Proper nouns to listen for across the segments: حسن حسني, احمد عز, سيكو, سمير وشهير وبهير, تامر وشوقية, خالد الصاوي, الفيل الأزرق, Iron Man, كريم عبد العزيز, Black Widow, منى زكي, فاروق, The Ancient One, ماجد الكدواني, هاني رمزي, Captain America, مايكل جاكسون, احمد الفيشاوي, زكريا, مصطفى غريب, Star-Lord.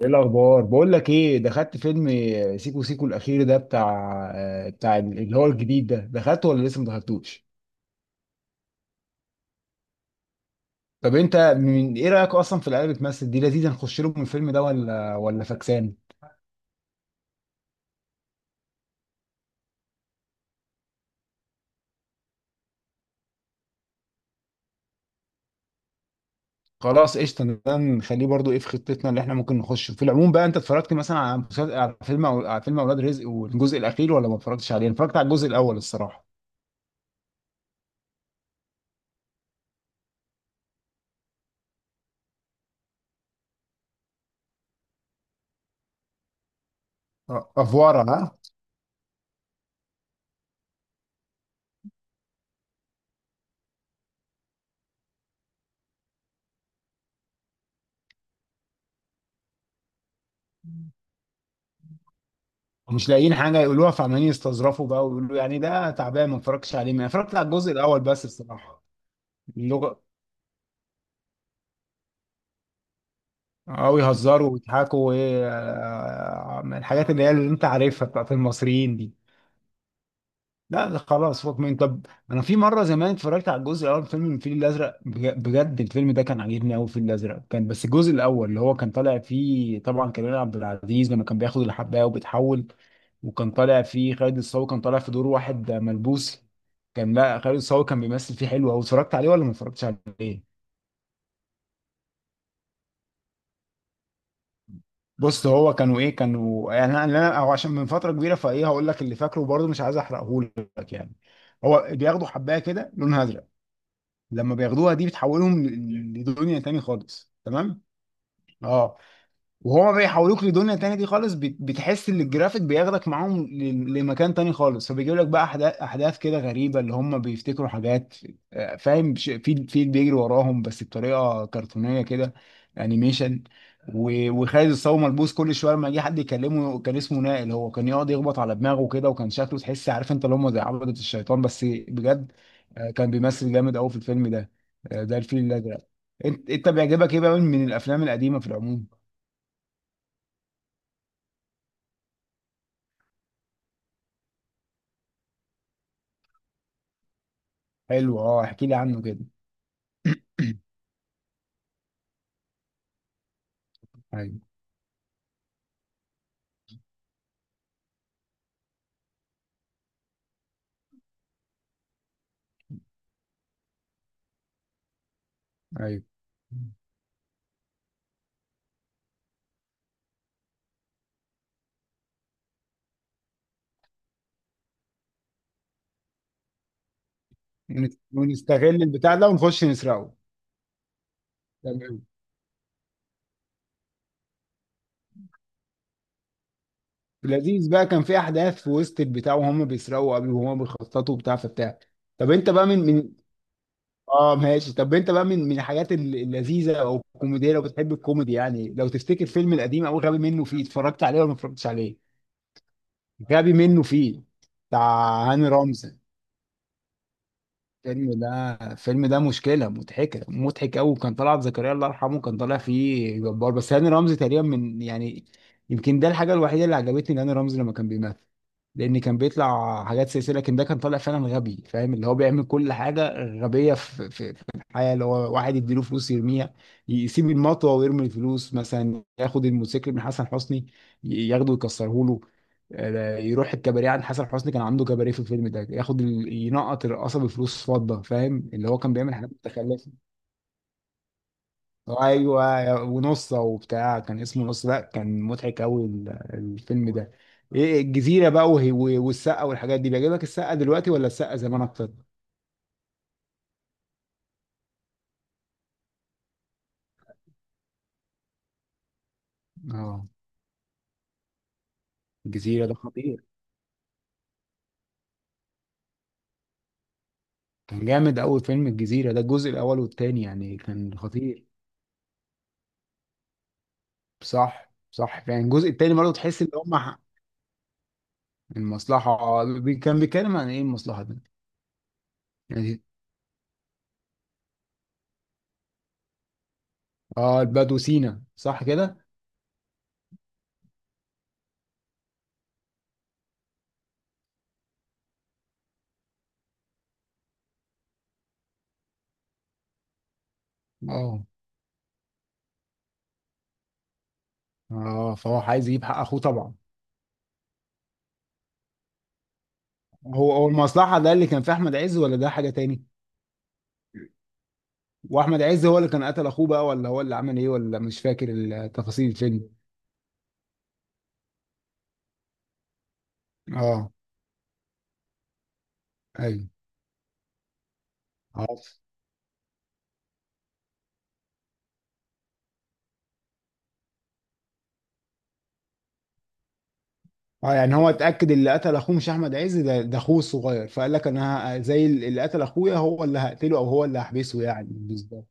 ايه الاخبار بقول لك ايه دخلت فيلم سيكو سيكو الاخير ده بتاع. بتاع اللي هو الجديد ده، دخلته ولا لسه ما دخلتوش؟ طب انت من ايه رايك اصلا في العيال اللي بتمثل دي؟ لذيذه نخش لهم من الفيلم ده ولا فكسان؟ خلاص قشطه، ده نخليه برضو. ايه في خطتنا اللي احنا ممكن نخشه في العموم؟ بقى انت اتفرجت مثلا على مسلسل، على فيلم على فيلم اولاد رزق والجزء الاخير، ولا ما اتفرجتش عليه؟ أنا اتفرجت على الجزء الاول الصراحه. افوره ها. مش لاقيين حاجه يقولوها، فعمالين يستظرفوا بقى ويقولوا يعني ده تعبان. ما اتفرجتش عليه، ما اتفرجت على الجزء الاول بس الصراحه، اللغة. أو يهزروا ويضحكوا وإيه، من الحاجات اللي هي اللي أنت عارفها بتاعت المصريين دي. لا ده خلاص فوق من، طب أنا في مرة زمان اتفرجت على الجزء الأول من فيلم الفيل الأزرق، بجد الفيلم ده كان عاجبني أوي، الفيل الأزرق كان، بس الجزء الأول اللي هو كان طالع فيه طبعا كريم عبد العزيز لما كان بياخد الحباية وبيتحول. وكان طالع فيه خالد الصاوي، كان طالع في دور واحد ملبوس. كان، لا خالد الصاوي كان بيمثل فيه حلو أوي. اتفرجت عليه ولا ما اتفرجتش عليه؟ بص هو كانوا ايه، كانوا يعني، او عشان من فتره كبيره، فايه هقول لك اللي فاكره برضه، مش عايز احرقه لك يعني. هو بياخدوا حبايه كده لونها ازرق. لما بياخدوها دي بتحولهم لدنيا تاني خالص، تمام. اه. وهو بيحولوك لدنيا تانية دي خالص، بتحس ان الجرافيك بياخدك معاهم لمكان تاني خالص، فبيجيب لك بقى احداث كده غريبة، اللي هم بيفتكروا حاجات. فاهم، في بيجري وراهم بس بطريقة كرتونية كده، انيميشن. وخالد الصاوي ملبوس كل شوية، لما يجي حد يكلمه كان اسمه نائل، هو كان يقعد يخبط على دماغه كده، وكان شكله تحس عارف انت اللي هم زي عبدة الشيطان، بس بجد. كان بيمثل جامد قوي في الفيلم ده. ده الفيل الازرق. انت بيعجبك ايه بقى من الافلام القديمة في العموم؟ حلو، اه احكي لي عنه كده. ايوه. ايوه ونستغل البتاع ده ونخش نسرقه، تمام. لذيذ بقى، كان في احداث في وسط البتاع وهم بيسرقوا، قبل وهم بيخططوا وبتاع في بتاع. طب انت بقى من. اه ماشي، طب انت بقى من الحاجات اللذيذه او الكوميديه، لو بتحب الكوميدي يعني، لو تفتكر فيلم القديم او غبي منه فيه، اتفرجت عليه ولا ما اتفرجتش عليه؟ غبي منه فيه، بتاع هاني رمزي. الفيلم ده مشكلة، مضحكة مضحك أوي. كان طلعت زكريا الله يرحمه كان طالع فيه جبار، بس هاني رمزي تقريبا من يعني، يمكن ده الحاجة الوحيدة اللي عجبتني هاني رمزي لما كان بيمثل، لأن كان بيطلع حاجات سياسية، لكن ده كان طالع فعلا غبي، فاهم اللي هو بيعمل كل حاجة غبية في الحياة، اللي هو واحد يديله فلوس يرميها، يسيب المطوة ويرمي الفلوس، مثلا ياخد الموتوسيكل من حسن حسني ياخده يكسره له. يروح الكباريه عند حسن حسني، كان عنده كباريه في الفيلم ده، ياخد ينقط الرقاصه بفلوس فضه، فاهم اللي هو كان بيعمل حاجات متخلفه. ايوه، ونصه وبتاع كان اسمه نص، لا كان مضحك قوي الفيلم ده. ايه الجزيره بقى والسقه والحاجات دي، بيعجبك السقه دلوقتي ولا السقه زمان اكتر؟ اه الجزيره ده خطير. كان جامد قوي فيلم الجزيره ده، الجزء الاول والتاني يعني كان خطير. صح صح، يعني الجزء التاني برضه تحس ان هم. المصلحه، كان بيتكلم عن ايه المصلحه ده؟ يعني. اه البدو سينا، صح كده. اه. اه فهو عايز يجيب حق اخوه طبعا. هو المصلحه ده اللي كان في احمد عز، ولا ده حاجه تاني؟ واحمد عز هو اللي كان قتل اخوه بقى، ولا هو اللي عمل ايه، ولا مش فاكر تفاصيل الفيلم. اه. ايوه، عارف. اه يعني هو اتاكد اللي قتل اخوه مش احمد عز، ده اخوه الصغير، فقال لك انا زي اللي قتل اخويا، هو اللي هقتله او هو اللي هحبسه يعني، بالظبط.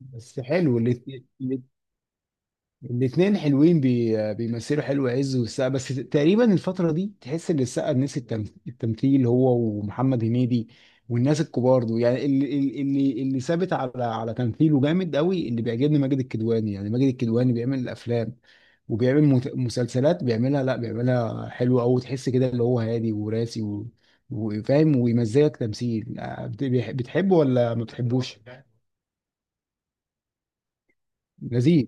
بس حلو الاثنين. الاتنين حلوين، بيمثلوا حلو عز والسقا، بس تقريبا الفترة دي تحس ان السقا نسي التمثيل، هو ومحمد هنيدي والناس الكبار دول. يعني اللي ثابت على تمثيله جامد قوي، اللي بيعجبني ماجد الكدواني، يعني ماجد الكدواني بيعمل الافلام وبيعمل مسلسلات، بيعملها، لا بيعملها حلوة قوي، تحس كده اللي هو هادي وراسي و... وفاهم ويمزجك تمثيل. بتحبه ولا ما بتحبوش؟ لذيذ.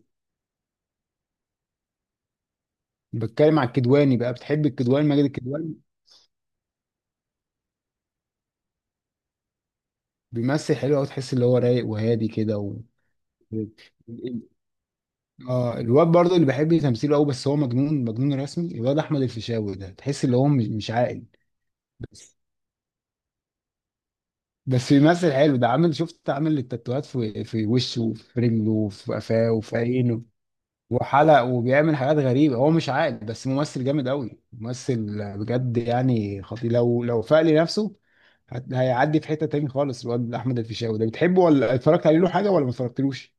بتكلم على الكدواني بقى، بتحب الكدواني ماجد الكدواني؟ بيمثل حلو قوي، تحس اللي هو رايق وهادي كده و... ال- ال- اه الواد برضه اللي بحب تمثيله قوي، بس هو مجنون مجنون رسمي الواد احمد الفيشاوي ده، تحس اللي هو مش عاقل. بس بيمثل حلو ده، عامل، شفت عامل التاتوهات في وشه وفي رجله وفي قفاه وفي عينه، وحلق، وبيعمل حاجات غريبة، هو مش عاقل، بس ممثل جامد قوي، ممثل بجد يعني، خطير لو فاق لنفسه هيعدي في حتة تاني خالص الواد احمد الفيشاوي ده. بتحبه ولا اتفرجت عليه له حاجة، ولا ما اتفرجتلوش؟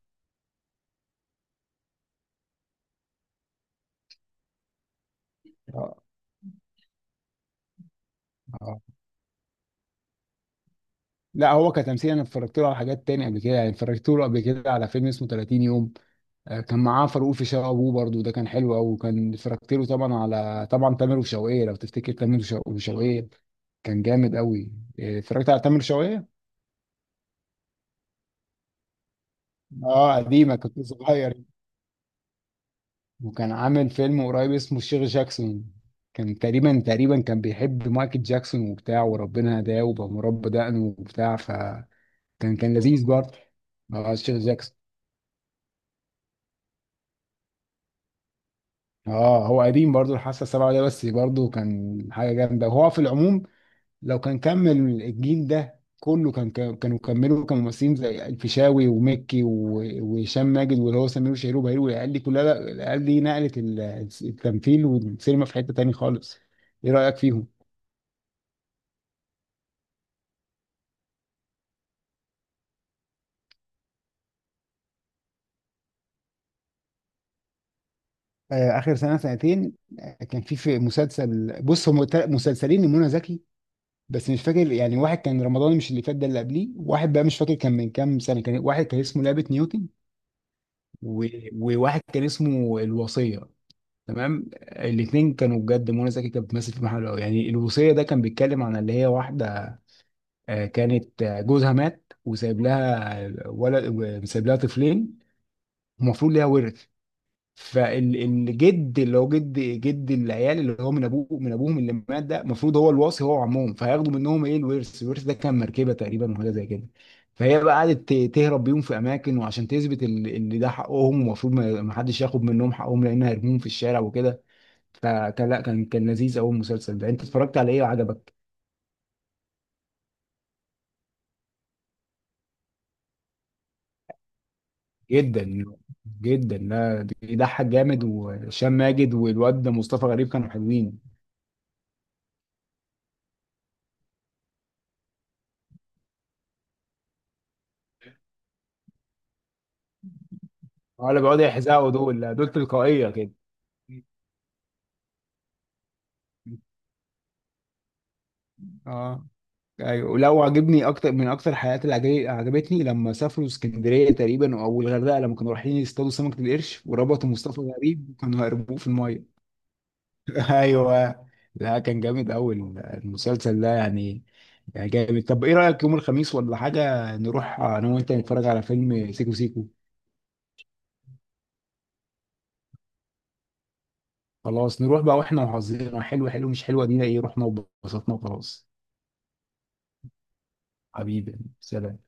اه. لا هو كتمثيل انا اتفرجت له على حاجات تانية قبل كده، يعني اتفرجت له قبل كده على فيلم اسمه 30 يوم. كان معاه فاروق في شقه ابوه، برضه ده كان حلو قوي، وكان، اتفرجت له طبعا على، طبعا تامر وشوقية، لو تفتكر تامر وشوقية، كان جامد قوي. اتفرجت على تامر وشوقية. اه قديمه، كنت صغير. وكان عامل فيلم قريب اسمه الشيخ جاكسون، كان تقريبا كان بيحب مايكل جاكسون وبتاع، وربنا هداه وبقى مربى دقنه وبتاع، فكان، كان لذيذ برضه. اه الشيخ جاكسون. اه هو قديم برضو الحاسه السابعه ده، بس برضو كان حاجه جامده. وهو في العموم لو كان كمل الجيل ده كله كان، كانوا كملوا كممثلين، زي الفيشاوي ومكي وهشام ماجد واللي هو سمير وشهير وبهير، والعيال دي كلها، لا، العيال دي نقلت التمثيل والسينما في حته تاني خالص. ايه رايك فيهم؟ آه اخر سنه سنتين. كان في مسلسل، بص هم مسلسلين لمنى زكي، بس مش فاكر يعني، واحد كان رمضان مش اللي فات ده، اللي قبليه، واحد بقى مش فاكر كان من كام سنه، كان واحد كان اسمه لعبه نيوتن و... وواحد كان اسمه الوصية. تمام الاتنين كانوا بجد، منى زكي كانت بتمثل في محله يعني. الوصية ده كان بيتكلم عن اللي هي واحدة، كانت جوزها مات وسايب لها ولد، سايب لها طفلين، المفروض ليها ورث، فالجد اللي هو جد العيال اللي هو من ابوه، من ابوهم اللي مات ده، المفروض هو الوصي هو وعمهم، فهياخدوا منهم ايه الورث، الورث ده كان مركبه تقريبا وحاجه زي كده، فهي بقى قعدت تهرب بيهم في اماكن، وعشان تثبت اللي ده حقهم، ومفروض ما حدش ياخد منهم حقهم، لان هيرموهم في الشارع وكده، فكان، لا كان، كان لذيذ قوي المسلسل ده. انت اتفرجت على ايه وعجبك؟ جدا جدا، لا بيضحك جامد، وهشام ماجد والواد ده مصطفى غريب كانوا حلوين. ولا بيقعدوا يحزقوا دول، لا، دول تلقائيه كده. اه، ايوه. ولو عجبني اكتر، من اكتر الحلقات اللي عجبتني لما سافروا اسكندريه تقريبا او الغردقه، لما كانوا رايحين يصطادوا سمكه القرش وربطوا مصطفى غريب وكانوا هيربوه في الميه. ايوه. لا كان جامد قوي المسلسل ده يعني، يعني جامد. طب ايه رايك يوم الخميس ولا حاجه نروح انا وانت نتفرج على فيلم سيكو سيكو؟ خلاص نروح بقى، واحنا وحظنا حلو، حلو مش حلوه، دينا ايه، رحنا وبسطنا وخلاص. حبيبي سلام.